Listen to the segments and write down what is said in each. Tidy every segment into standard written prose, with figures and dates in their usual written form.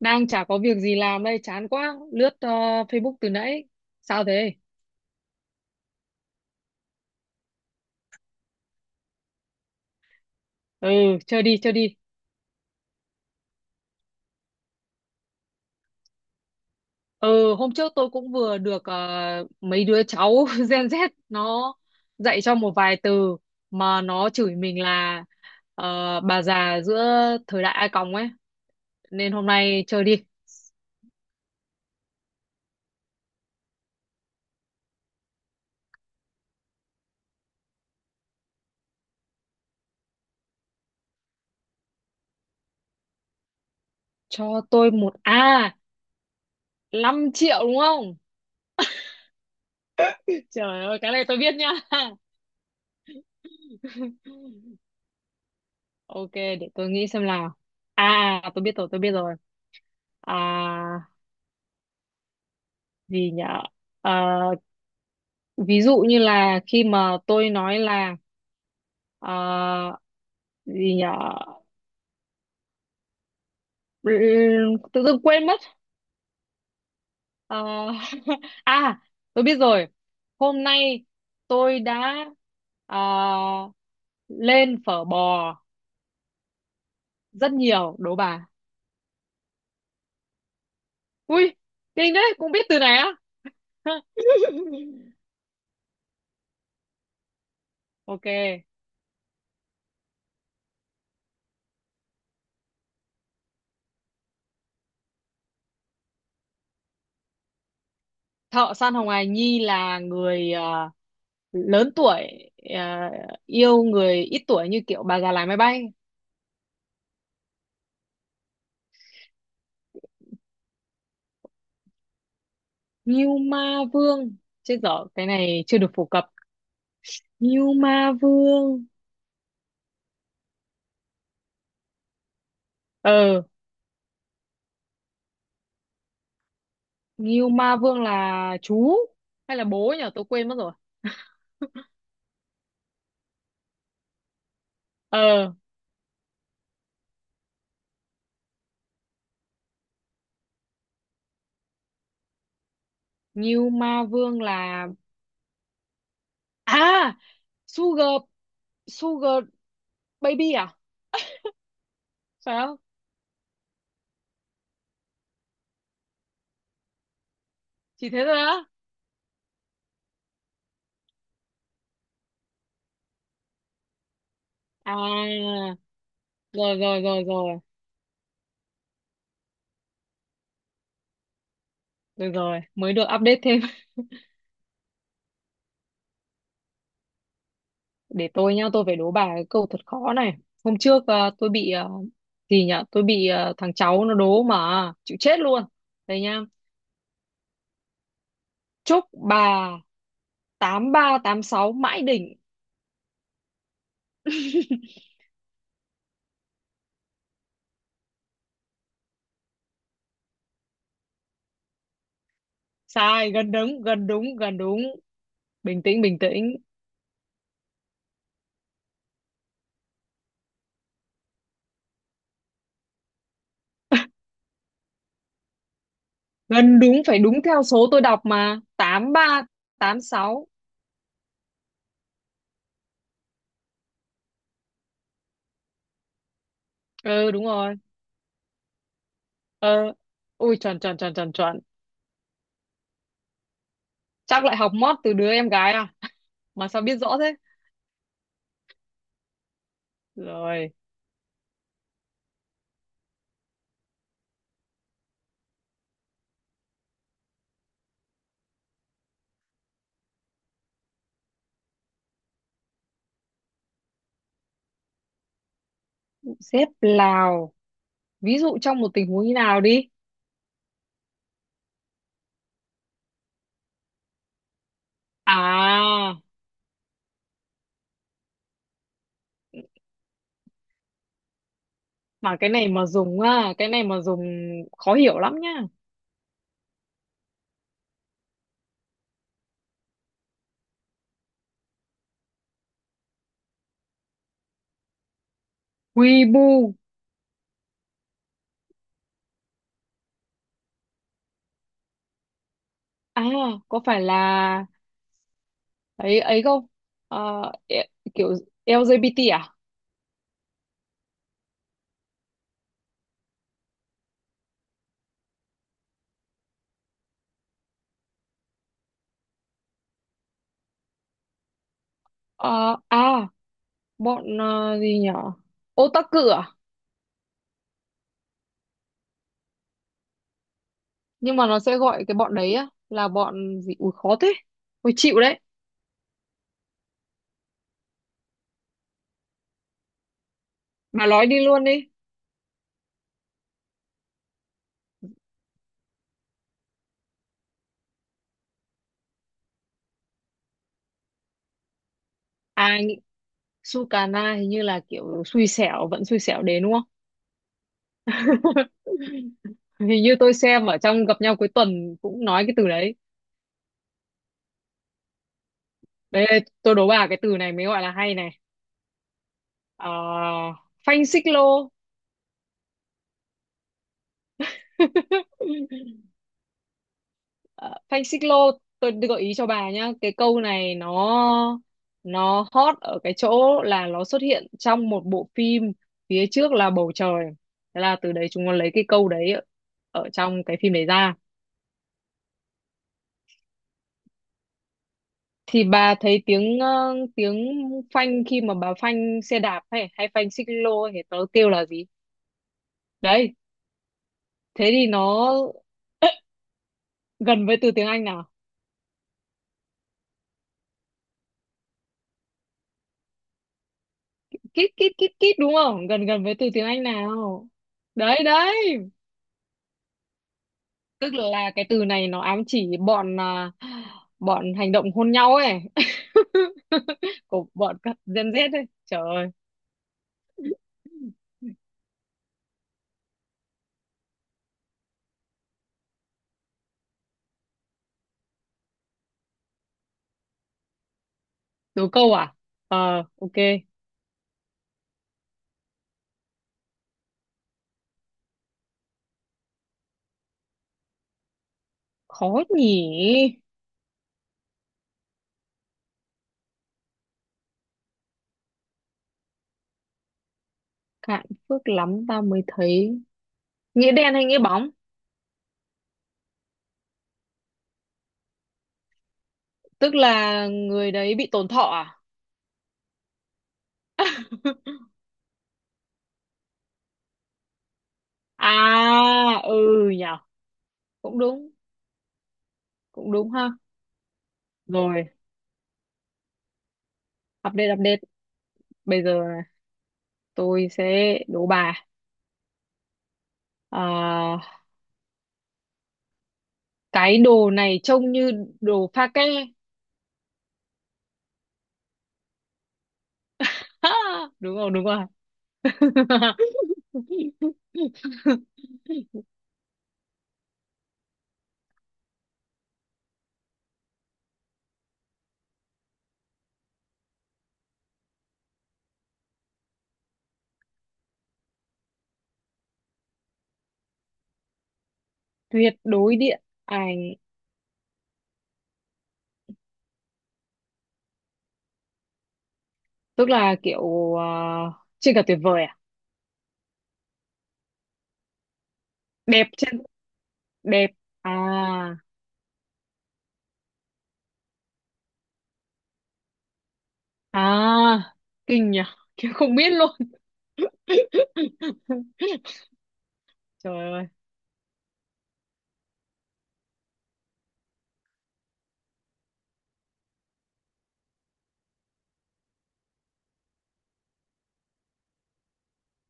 Đang chả có việc gì làm đây, chán quá. Lướt Facebook từ nãy. Sao thế? Ừ, chơi đi, chơi đi. Ừ, hôm trước tôi cũng vừa được mấy đứa cháu Gen Z nó dạy cho một vài từ mà nó chửi mình là ờ, bà già giữa thời đại A còng ấy. Nên hôm nay chơi đi. Cho tôi một A, 5 triệu đúng không? Trời ơi, cái này tôi biết nha. Ok, để tôi nghĩ xem nào. À, à, tôi biết rồi, tôi biết rồi. À, gì nhở? À, ví dụ như là khi mà tôi nói là à, gì nhở? Tự dưng quên mất. À, à, tôi biết rồi. Hôm nay tôi đã à, lên phở bò rất nhiều, đố bà. Ui, kinh đấy, cũng biết từ này á. Ok. Thợ săn Hồng Hà Nhi là người lớn tuổi, à, yêu người ít tuổi như kiểu bà già lái máy bay. Ngưu Ma Vương, chết dở, cái này chưa được phổ cập. Ngưu Ma Vương, ờ Ngưu Ma Vương là chú hay là bố nhỉ, tôi quên mất rồi. ờ Ngưu Ma Vương là, à Sugar Sugar Baby à, phải không? Chỉ thế thôi á? à Rồi rồi rồi rồi, rồi rồi mới được update thêm. Để tôi nhá, tôi phải đố bà cái câu thật khó này. Hôm trước tôi bị gì nhở, tôi bị thằng cháu nó đố mà chịu chết luôn. Đây nhá: chúc bà 8386 mãi đỉnh. Sai, gần đúng, gần đúng, gần đúng. Bình tĩnh, bình tĩnh. Gần đúng, phải đúng theo số tôi đọc mà, 8386. Ừ, đúng rồi. ờ Ui, chuẩn chuẩn chuẩn chuẩn chuẩn. Chắc lại học mót từ đứa em gái à, mà sao biết rõ thế? Rồi, xếp Lào, ví dụ trong một tình huống như nào đi? à mà cái này mà dùng á, cái này mà dùng khó hiểu lắm nhá. Quy, à, có phải là ấy ấy không? Ờ, e- Kiểu LGBT à? Ờ, à Bọn gì nhở, otaku à? Nhưng mà nó sẽ gọi cái bọn đấy á là bọn gì, ui khó thế. Ui, chịu đấy, bà nói đi luôn đi. à nghĩ- Sukana hình như là kiểu xui xẻo vẫn xui xẻo đến, đúng không? Hình như tôi xem ở trong gặp nhau cuối tuần cũng nói cái từ đấy. Đấy, tôi đố bà cái từ này mới gọi là hay này. Ờ, Phanh xích lô. Ờ, Phanh xích lô, tôi gợi ý cho bà nhá. Cái câu này nó hot ở cái chỗ là nó xuất hiện trong một bộ phim phía trước là bầu trời, thế là từ đấy chúng nó lấy cái câu đấy ở trong cái phim đấy ra. Thì bà thấy tiếng phanh, khi mà bà phanh xe đạp hay hay phanh xích lô thì nó kêu là gì? Đấy, thế thì nó gần với từ tiếng Anh nào? Kít kít kít kít, đúng không, gần gần với từ tiếng Anh nào? Đấy đấy, tức là cái từ này nó ám chỉ bọn hành động hôn nhau ấy, của bọn các Gen Z ấy, trời ơi. Đố câu à? Ok. Khó nhỉ. Cạn phước lắm ta mới thấy. Nghĩa đen hay nghĩa bóng? Tức là người đấy bị tổn thọ à? À, ừ, nhỉ, cũng đúng, cũng đúng ha. Rồi, update update. Bây giờ tôi sẽ đố bà, à, cái đồ này trông như đồ pha ke. Ha! Đúng rồi, đúng rồi. Tuyệt đối điện ảnh, tức là kiểu trên cả tuyệt vời à? Đẹp trên đẹp à? à Kinh nhỉ, kiểu không biết luôn. Trời ơi.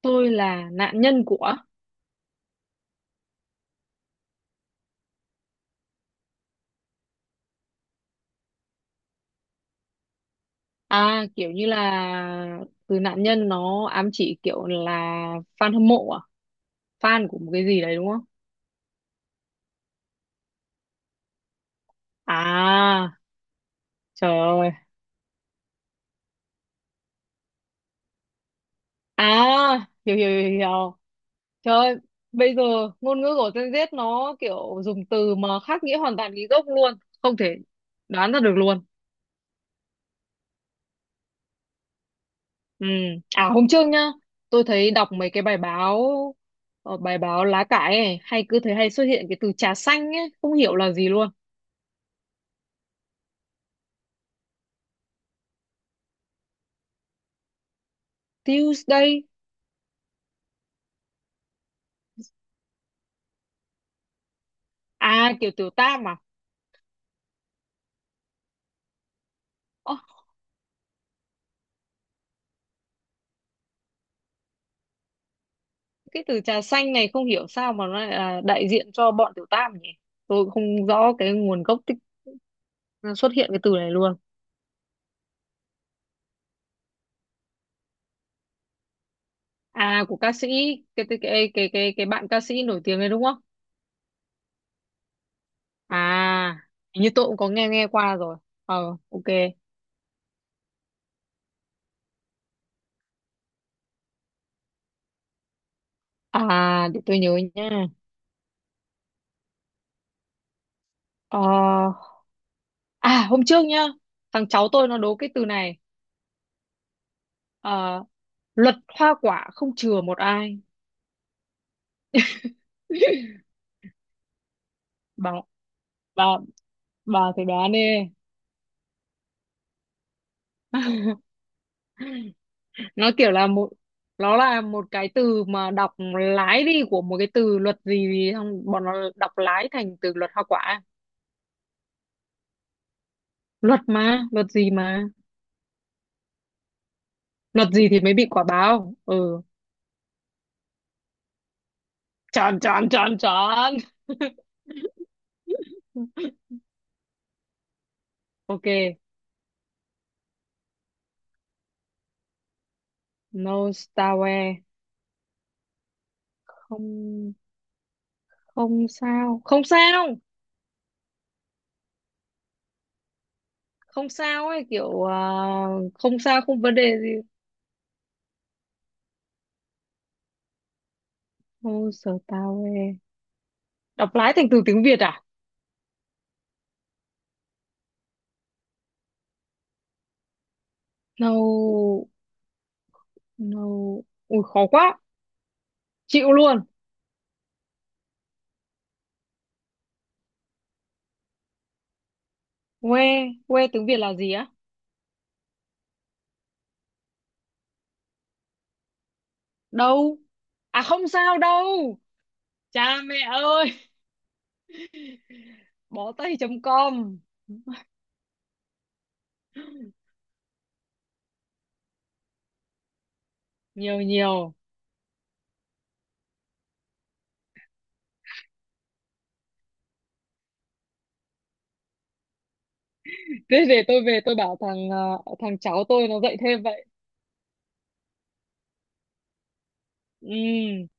Tôi là nạn nhân của. À, kiểu như là từ nạn nhân nó ám chỉ kiểu là fan hâm mộ à? Fan của một cái gì đấy đúng không? À, trời ơi. À, hiểu hiểu hiểu. Hiểu. Trời ơi, bây giờ ngôn ngữ của Gen Z nó kiểu dùng từ mà khác nghĩa hoàn toàn cái gốc luôn, không thể đoán ra được luôn. Ừ. À hôm trước nhá, tôi thấy đọc mấy cái bài báo lá cải ấy, hay cứ thấy hay xuất hiện cái từ trà xanh ấy, không hiểu là gì luôn. Tuesday, à kiểu tiểu tam à? Ơ, cái từ trà xanh này không hiểu sao mà nó lại là đại diện cho bọn Tiểu Tam nhỉ? Tôi cũng không rõ cái nguồn gốc tích xuất hiện cái từ này luôn. À của ca sĩ, cái bạn ca sĩ nổi tiếng đấy đúng không? À, hình như tôi cũng có nghe nghe qua rồi. Ờ, ok. À, để tôi nhớ nha. Ờ, hôm trước nhá, thằng cháu tôi nó đố cái từ này. Ờ, Luật hoa quả không chừa một ai. Bà bà bà thử đoán đi. Nó kiểu là nó là một cái từ mà đọc lái đi của một cái từ luật gì gì, xong bọn nó đọc lái thành từ luật hoa quả. Luật gì mà, luật gì thì mới bị quả báo. Ừ, chọn chọn chọn chọn. Ok, no starware. Không, không sao, không sao. Không sao ấy, kiểu không sao, không vấn đề gì. No starware, đọc lái thành từ tiếng Việt à? No, no, ui khó quá, chịu luôn. Quê, quê tiếng Việt là gì á? Đâu à? Không sao đâu. Cha mẹ ơi, bó tay.com. Nhiều nhiều. Thế để tôi về tôi bảo thằng cháu tôi nó dạy thêm vậy. Ừ.